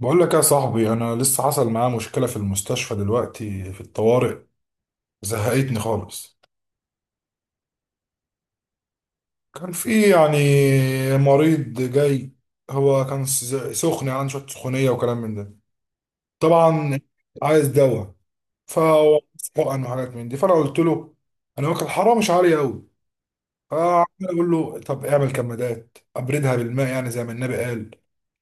بقول لك يا صاحبي، انا لسه حصل معايا مشكله في المستشفى دلوقتي في الطوارئ. زهقتني خالص. كان في يعني مريض جاي. هو كان سخن يعني شويه سخونيه وكلام من ده. طبعا. عايز دواء. فهو عايز حقن وحاجات من دي فانا قلت له: انا واكل حرام مش عالي قوي. فعمال اقول له طب اعمل كمادات ابردها بالماء يعني زي ما النبي قال.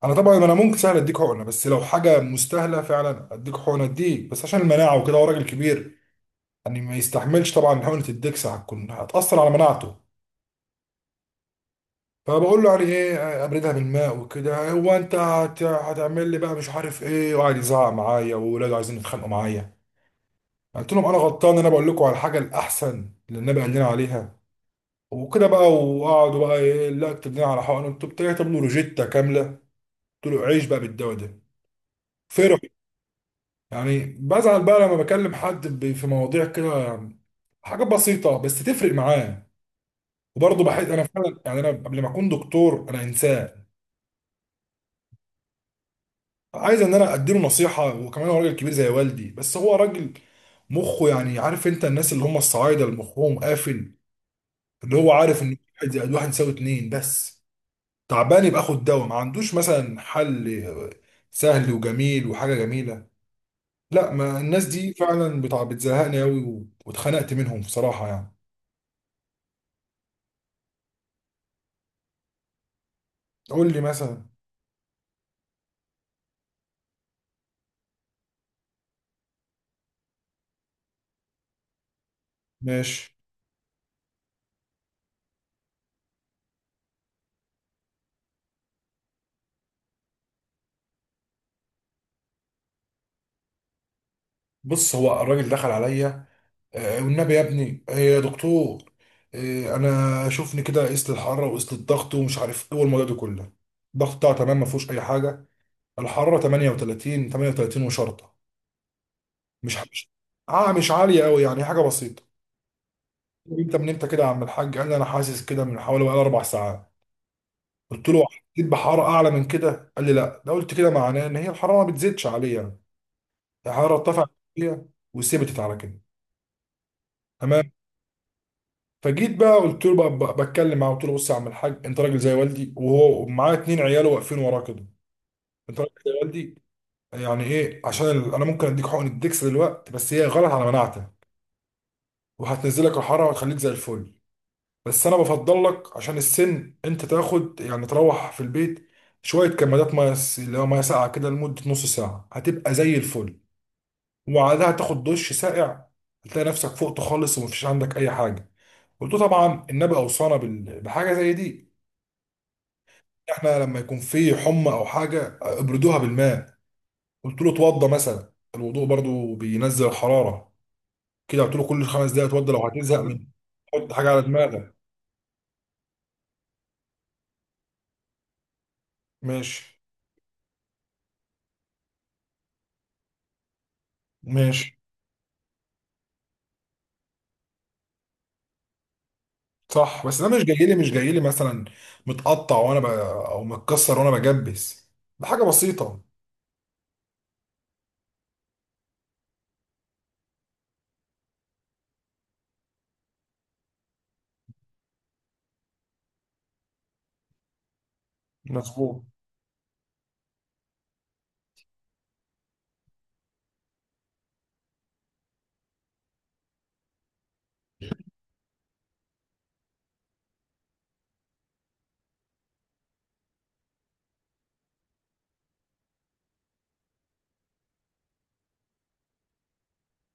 انا طبعا انا ممكن سهل اديك حقنه، بس لو حاجه مستاهله فعلا اديك حقنه، اديك بس عشان المناعه وكده. هو راجل كبير يعني ما يستحملش. طبعا حقنة الدكس هتأثر على مناعته. فبقول له يعني ايه ابردها بالماء وكده. هو: انت هتعمل لي بقى مش عارف ايه، وقعد يزعق معايا، وولاده عايزين يتخانقوا معايا. قلت لهم: انا غلطان؟ انا بقول لكم على الحاجه الاحسن اللي النبي قال لنا عليها. وكده بقى وقعدوا بقى: ايه لا اكتب لنا على حقنه، انتوا بتكتب له روجيتا كامله. قلت له: عيش بقى بالدواء ده. فرح. يعني بزعل بقى لما بكلم حد في مواضيع كده، حاجات بسيطه بس تفرق معاه. وبرضه بحس انا فعلا يعني انا قبل ما اكون دكتور انا انسان. عايز ان انا اديله نصيحه، وكمان هو راجل كبير زي والدي. بس هو راجل مخه يعني عارف انت الناس اللي هم الصعايده اللي مخهم قافل، اللي هو عارف ان واحد زائد واحد يساوي اتنين بس. تعبان يبقى خد دواء، ما عندوش مثلا حل سهل وجميل وحاجه جميله. لا، ما الناس دي فعلا بتزهقني قوي، واتخنقت منهم بصراحه يعني. قول لي مثلا. ماشي. بص، هو الراجل دخل عليا: والنبي يا ابني، يا دكتور، انا شوفني كده، قست الحراره وقست الضغط ومش عارف ايه والموضوع ده كله. الضغط بتاعه تمام ما فيهوش اي حاجه. الحراره 38 وشرطه، مش مش اه مش عاليه قوي يعني حاجه بسيطه. انت من امتى كده يا عم الحاج؟ قال لي: انا حاسس كده من حوالي بقى 4 ساعات. قلت له: حسيت بحراره اعلى من كده؟ قال لي: لا. ده قلت كده معناه ان هي الحراره ما بتزيدش عليا يعني. الحراره ارتفعت شوية وثبتت على كده. تمام. فجيت بقى قلت له بتكلم معاه. قلت له: بص يا عم الحاج، انت راجل زي والدي، وهو معاه 2 عياله واقفين وراه كده. انت راجل زي والدي يعني ايه. عشان انا ممكن اديك حقن الدكس دلوقتي بس هي غلط على مناعتك، وهتنزلك الحراره وهتخليك زي الفل. بس انا بفضل لك عشان السن انت تاخد يعني تروح في البيت، شويه كمادات ميه اللي هو ميه ساقعه كده لمده نص ساعه هتبقى زي الفل، وبعدها تاخد دش ساقع هتلاقي نفسك فقت خالص ومفيش عندك اي حاجه. قلت له: طبعا النبي اوصانا بحاجه زي دي. احنا لما يكون في حمى او حاجه ابردوها بالماء. قلت له: اتوضى مثلا، الوضوء برضو بينزل الحراره كده. قلت له: كل 5 دقايق اتوضى لو هتزهق، من حط حاجه على دماغك. ماشي ماشي. صح، بس ده مش جاي لي مش جاي لي مثلا متقطع وانا او متكسر وانا بجبس، ده حاجه بسيطه. مظبوط.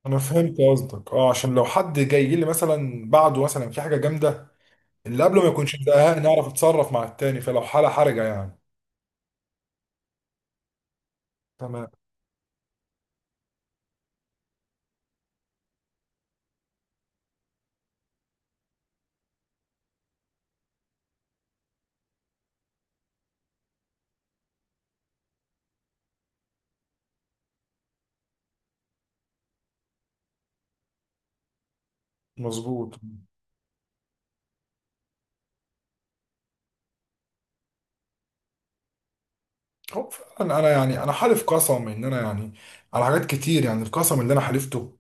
انا فهمت قصدك، عشان لو حد جاي لي مثلا بعده مثلا في حاجه جامده اللي قبله ما يكونش مضايقها نعرف نتصرف مع التاني، فلو حاله حرجه يعني. تمام. مظبوط. هو فعلا انا يعني انا حالف قسم ان انا يعني على حاجات كتير، يعني القسم اللي انا حلفته،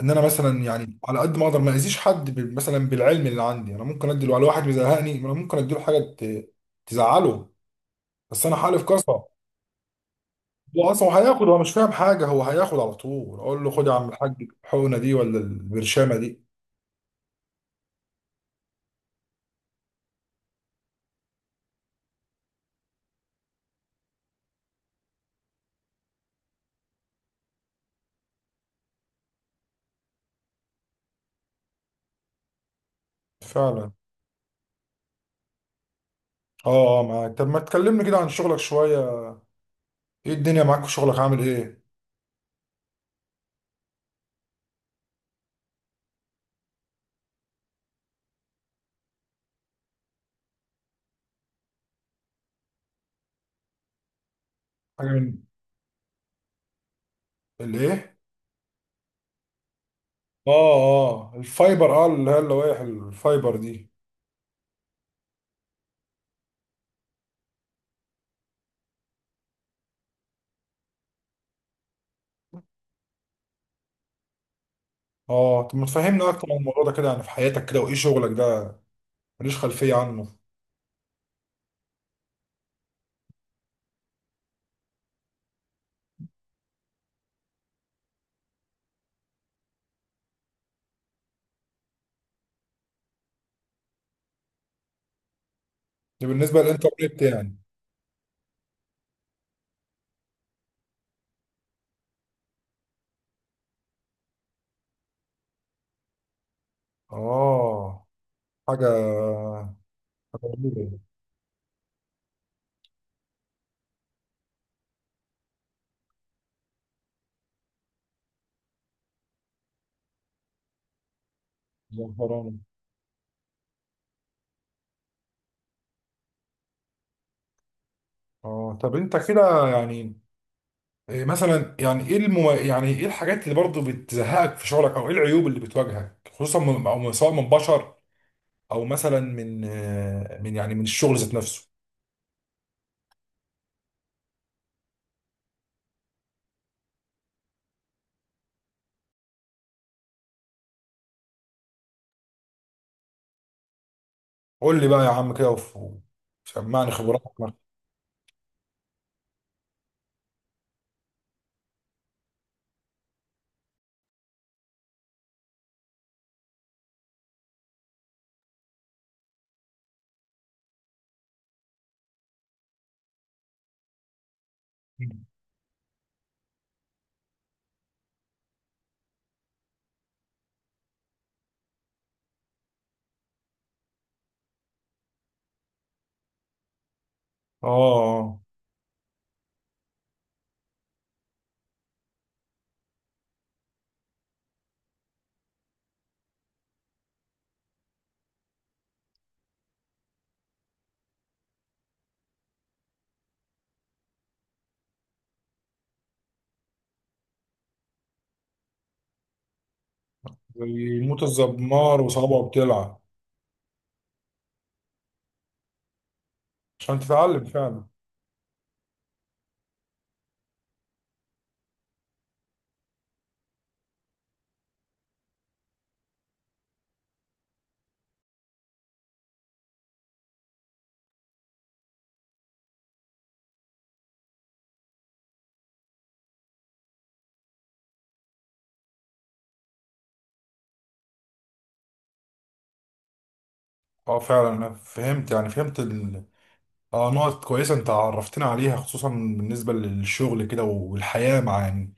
ان انا مثلا يعني على قد ما اقدر ما اذيش حد مثلا بالعلم اللي عندي. انا ممكن ادي على واحد مزهقني، انا ممكن اديله حاجه تزعله، بس انا حالف قسم. هو اصلا هياخد، هو مش فاهم حاجه، هو هياخد على طول. اقول له: خد يا عم الحاج الحقنه دي ولا البرشامه دي. فعلا. اه اه، معاك. طب ما تكلمني كده عن شغلك شويه. ايه الدنيا معاك في شغلك، عامل ايه؟ حاجه من الايه؟ اه. اه الفايبر، اللي هي اللوائح الفايبر دي. اه، طب ما تفهمنا اكتر عن الموضوع ده كده يعني في حياتك كده، وايه شغلك ده. ماليش خلفيه عنه. ده بالنسبه للانترنت يعني؟ اه حاجه. حاجه جميله. زعفرانه. اه، طب انت كده يعني إيه مثلا، يعني ايه يعني ايه الحاجات اللي برضه بتزهقك في شغلك، او ايه العيوب اللي بتواجهك خصوصا سواء من بشر، او مثلا من يعني من الشغل ذات نفسه. قول لي بقى يا عم كده وسمعني خبراتك. اه، زي موت الزمار وصوابعه بتلعب. عشان تتعلم فعلا. اه فعلا انا فهمت يعني فهمت. اه، نقط كويسه انت عرفتنا عليها خصوصا بالنسبه للشغل كده والحياه، مع يعني.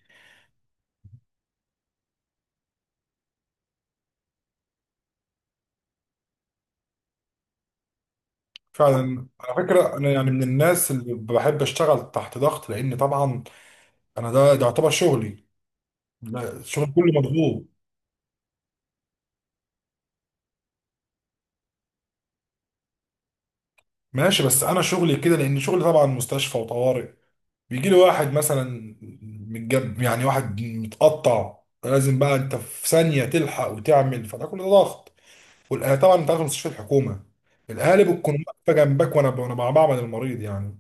فعلا، على فكره انا يعني من الناس اللي بحب اشتغل تحت ضغط لان طبعا انا ده يعتبر شغلي. لا، شغل كله مضغوط. ماشي، بس انا شغلي كده لان شغلي طبعا مستشفى وطوارئ. بيجي لي واحد مثلا متجب، يعني واحد متقطع، لازم بقى انت في ثانيه تلحق وتعمل، فده كله ضغط. والاهالي طبعا انت عارف مستشفى الحكومه الاهالي بتكون واقفه جنبك، وانا بعمل المريض يعني.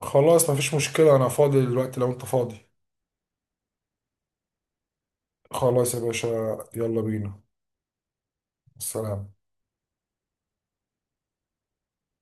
خلاص مفيش مشكله، انا فاضي دلوقتي لو انت فاضي. خلاص يا باشا. يلا بينا. السلام.